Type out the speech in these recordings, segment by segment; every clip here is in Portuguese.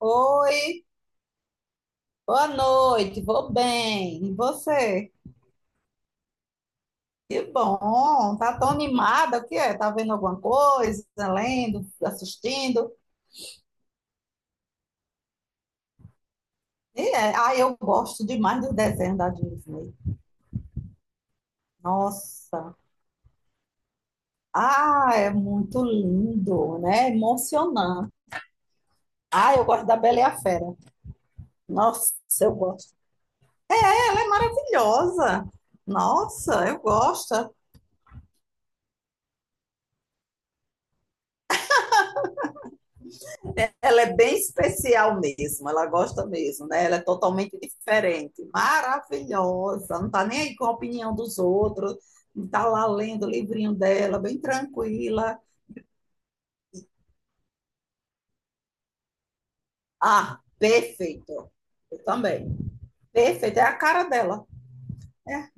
Oi, boa noite, vou bem. E você? Que bom, tá tão animada, o que é? Tá vendo alguma coisa, lendo, assistindo? E é, ah, eu gosto demais do desenho da Disney. Nossa, ah, é muito lindo, né? É emocionante. Ah, eu gosto da Bela e a Fera. Nossa, eu gosto. Ela é maravilhosa. Nossa, eu gosto. Ela é bem especial mesmo, ela gosta mesmo, né? Ela é totalmente diferente, maravilhosa, não está nem aí com a opinião dos outros. Está lá lendo o livrinho dela, bem tranquila. Ah, perfeito. Eu também. Perfeito, é a cara dela, é,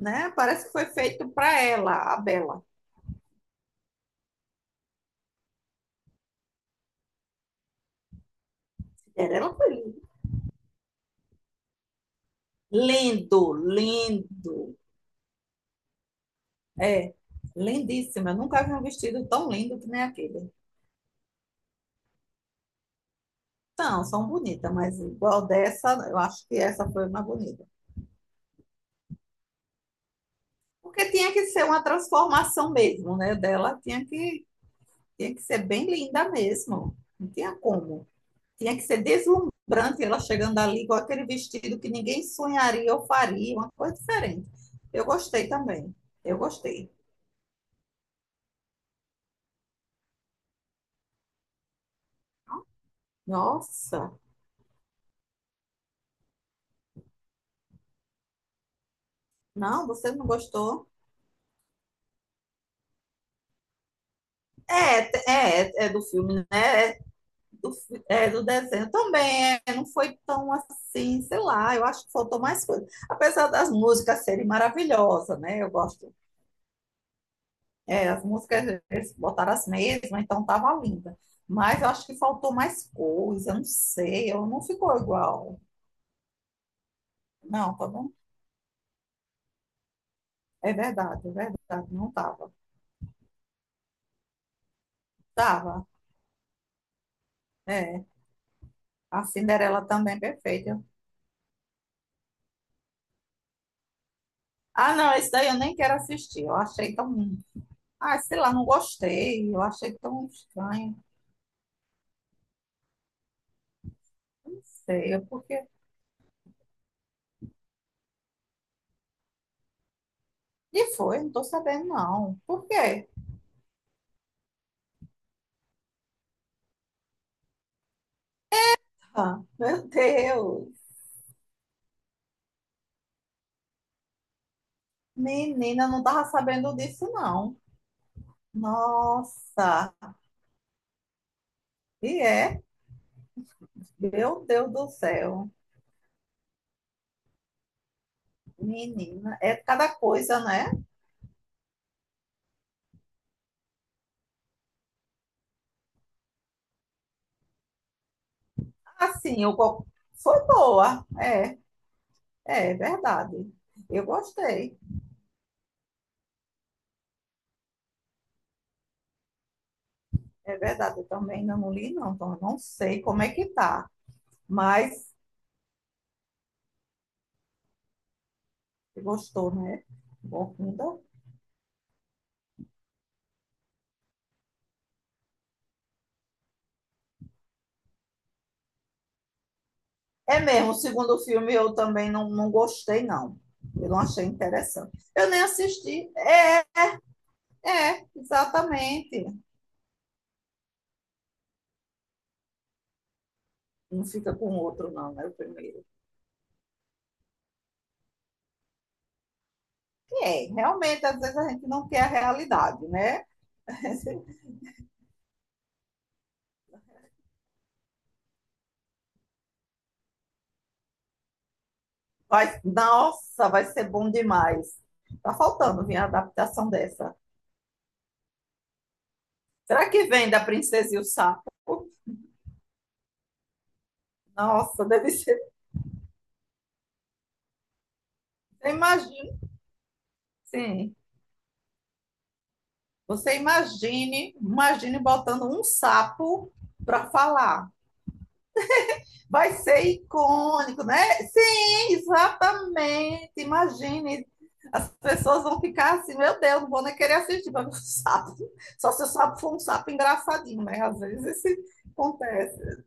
né? Parece que foi feito para ela, a Bela. Era ela foi linda. Lindo, lindo, é, lindíssima. Eu nunca vi um vestido tão lindo que nem aquele. São, são bonitas, mas igual dessa, eu acho que essa foi uma bonita. Porque tinha que ser uma transformação mesmo, né? Dela tinha que ser bem linda mesmo. Não tinha como. Tinha que ser deslumbrante ela chegando ali com aquele vestido que ninguém sonharia ou faria, uma coisa diferente. Eu gostei também. Eu gostei. Nossa, não, você não gostou? É, é, é do filme, né? Do, é, do desenho também, é, não foi tão assim, sei lá, eu acho que faltou mais coisa. Apesar das músicas serem maravilhosas, né? Eu gosto, é, as músicas eles botaram as mesmas, então tava linda. Mas eu acho que faltou mais coisa, não sei, eu não ficou igual. Não, tá bom? É verdade, não tava. Tava, é. A Cinderela também é perfeita. Ah, não, esse daí eu nem quero assistir. Eu achei tão. Ah, sei lá, não gostei. Eu achei tão estranho. Sei, eu porque. E foi, não tô sabendo, não. Por quê? Ah, meu Deus! Menina, não tava sabendo disso, não. Nossa! E é? Meu Deus do céu! Menina, é cada coisa, né? Assim, eu... foi boa. É, é verdade. Eu gostei. É verdade, eu também ainda não li, não. Então, eu não sei como é que tá. Mas gostou, né? Bom, ainda. É mesmo, o segundo filme eu também não, não gostei, não. Eu não achei interessante. Eu nem assisti. É, é, exatamente. Não fica com o outro, não, né? O primeiro. Que é, realmente, às vezes a gente não quer a realidade, né? Vai, nossa, vai ser bom demais. Tá faltando vir a adaptação dessa. Será que vem da Princesa e o Sapo? Nossa, deve ser. Você imagina. Sim. Você imagine, imagine botando um sapo para falar. Vai ser icônico, né? Sim, exatamente. Imagine, as pessoas vão ficar assim, meu Deus, não vou nem querer assistir, mas o sapo, só se o sapo for um sapo engraçadinho, né? Às vezes isso acontece,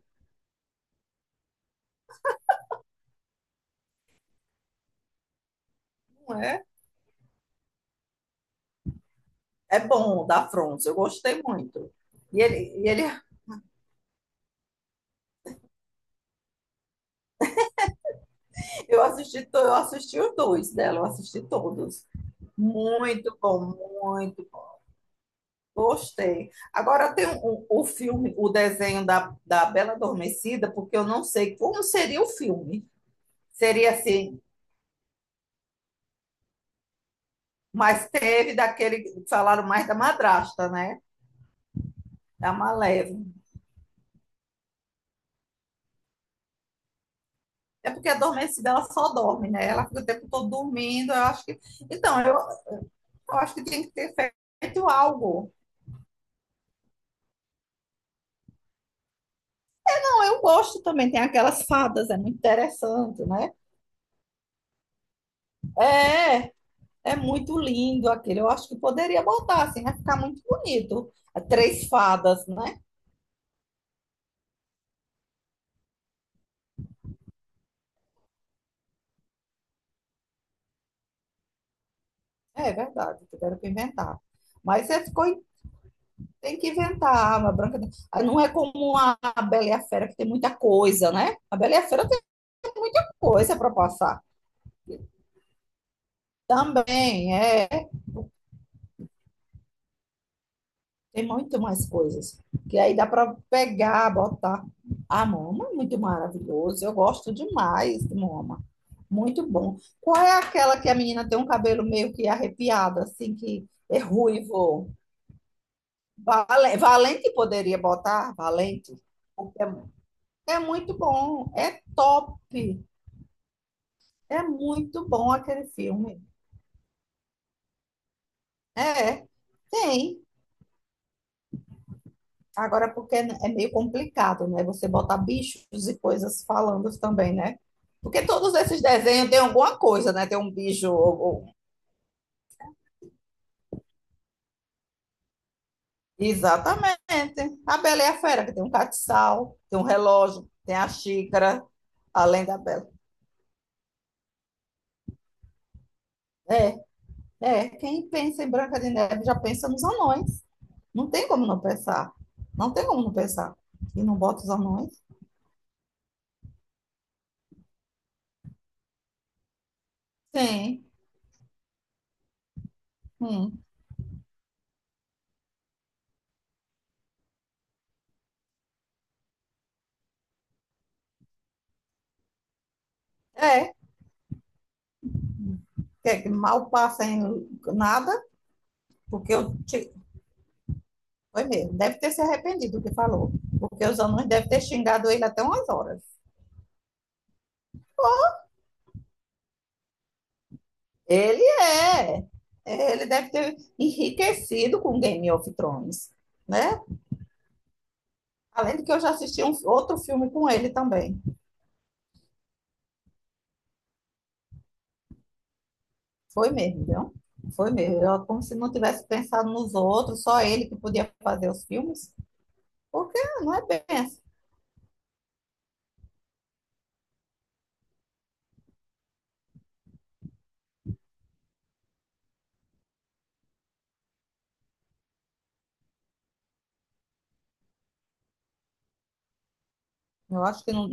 não é? É bom, da Fronce, eu gostei muito. E ele, eu assisti, eu assisti os dois dela, eu assisti todos. Muito bom, muito. Gostei. Agora tem o filme, o desenho da, da Bela Adormecida, porque eu não sei como seria o filme. Seria assim, mas teve daquele, que falaram mais da madrasta, né? Da Malévola. É porque a adormecida ela só dorme, né? Ela fica o tempo todo dormindo. Eu acho que. Então, eu acho que tem que ter feito algo. Bom, eu gosto também, tem aquelas fadas, é muito interessante, né? É, é muito lindo aquele. Eu acho que poderia botar, assim, vai ficar muito bonito. É três fadas, né? É verdade, tiveram que inventar. Mas você ficou, tem que inventar a Arma Branca. Ah, não é como a Bela e a Fera, que tem muita coisa, né? A Bela e a Fera tem muita coisa para passar. Também, é. Tem muito mais coisas. Que aí dá para pegar, botar. A Moma é muito maravilhoso. Eu gosto demais de Moma. Muito bom. Qual é aquela que a menina tem um cabelo meio que arrepiado, assim, que é ruivo? Valente poderia botar? Valente. Porque é, é muito bom. É top. É muito bom aquele filme. É, tem. Agora, porque é meio complicado, né? Você botar bichos e coisas falando também, né? Porque todos esses desenhos têm alguma coisa, né? Tem um bicho. Exatamente. A Bela e a Fera, que tem um catiçal, tem um relógio, tem a xícara, além da Bela. É, é. Quem pensa em Branca de Neve já pensa nos anões. Não tem como não pensar. Não tem como não pensar. E não bota os anões? Sim. Hum. É. Que é que mal passa em nada, porque eu. Foi mesmo. Deve ter se arrependido do que falou, porque os alunos devem ter xingado ele até umas horas. Ele é. Ele deve ter enriquecido com Game of Thrones, né? Além de que eu já assisti um outro filme com ele também. Foi mesmo, viu? Foi mesmo. Eu, como se não tivesse pensado nos outros, só ele que podia fazer os filmes, porque não é bem assim. Eu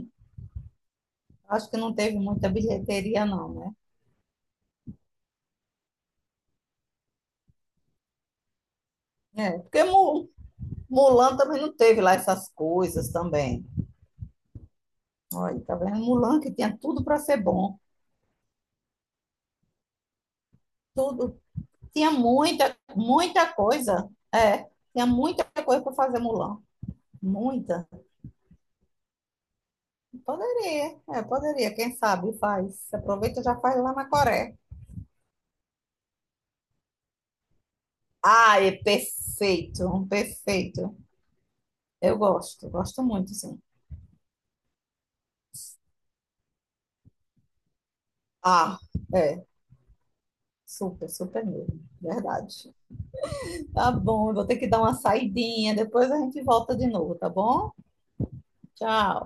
acho que não teve muita bilheteria, não, né? É, porque Mulan também não teve lá essas coisas também. Olha, tá vendo? Um Mulan que tinha tudo para ser bom. Tudo. Tinha muita, muita coisa. É, tinha muita coisa para fazer Mulan. Muita. Poderia, é, poderia. Quem sabe faz. Aproveita e já faz lá na Coreia. Ah, é perfeito, um perfeito. Eu gosto, gosto muito, sim. Ah, é. Super, super mesmo. Verdade. Tá bom, eu vou ter que dar uma saidinha. Depois a gente volta de novo, tá bom? Tchau.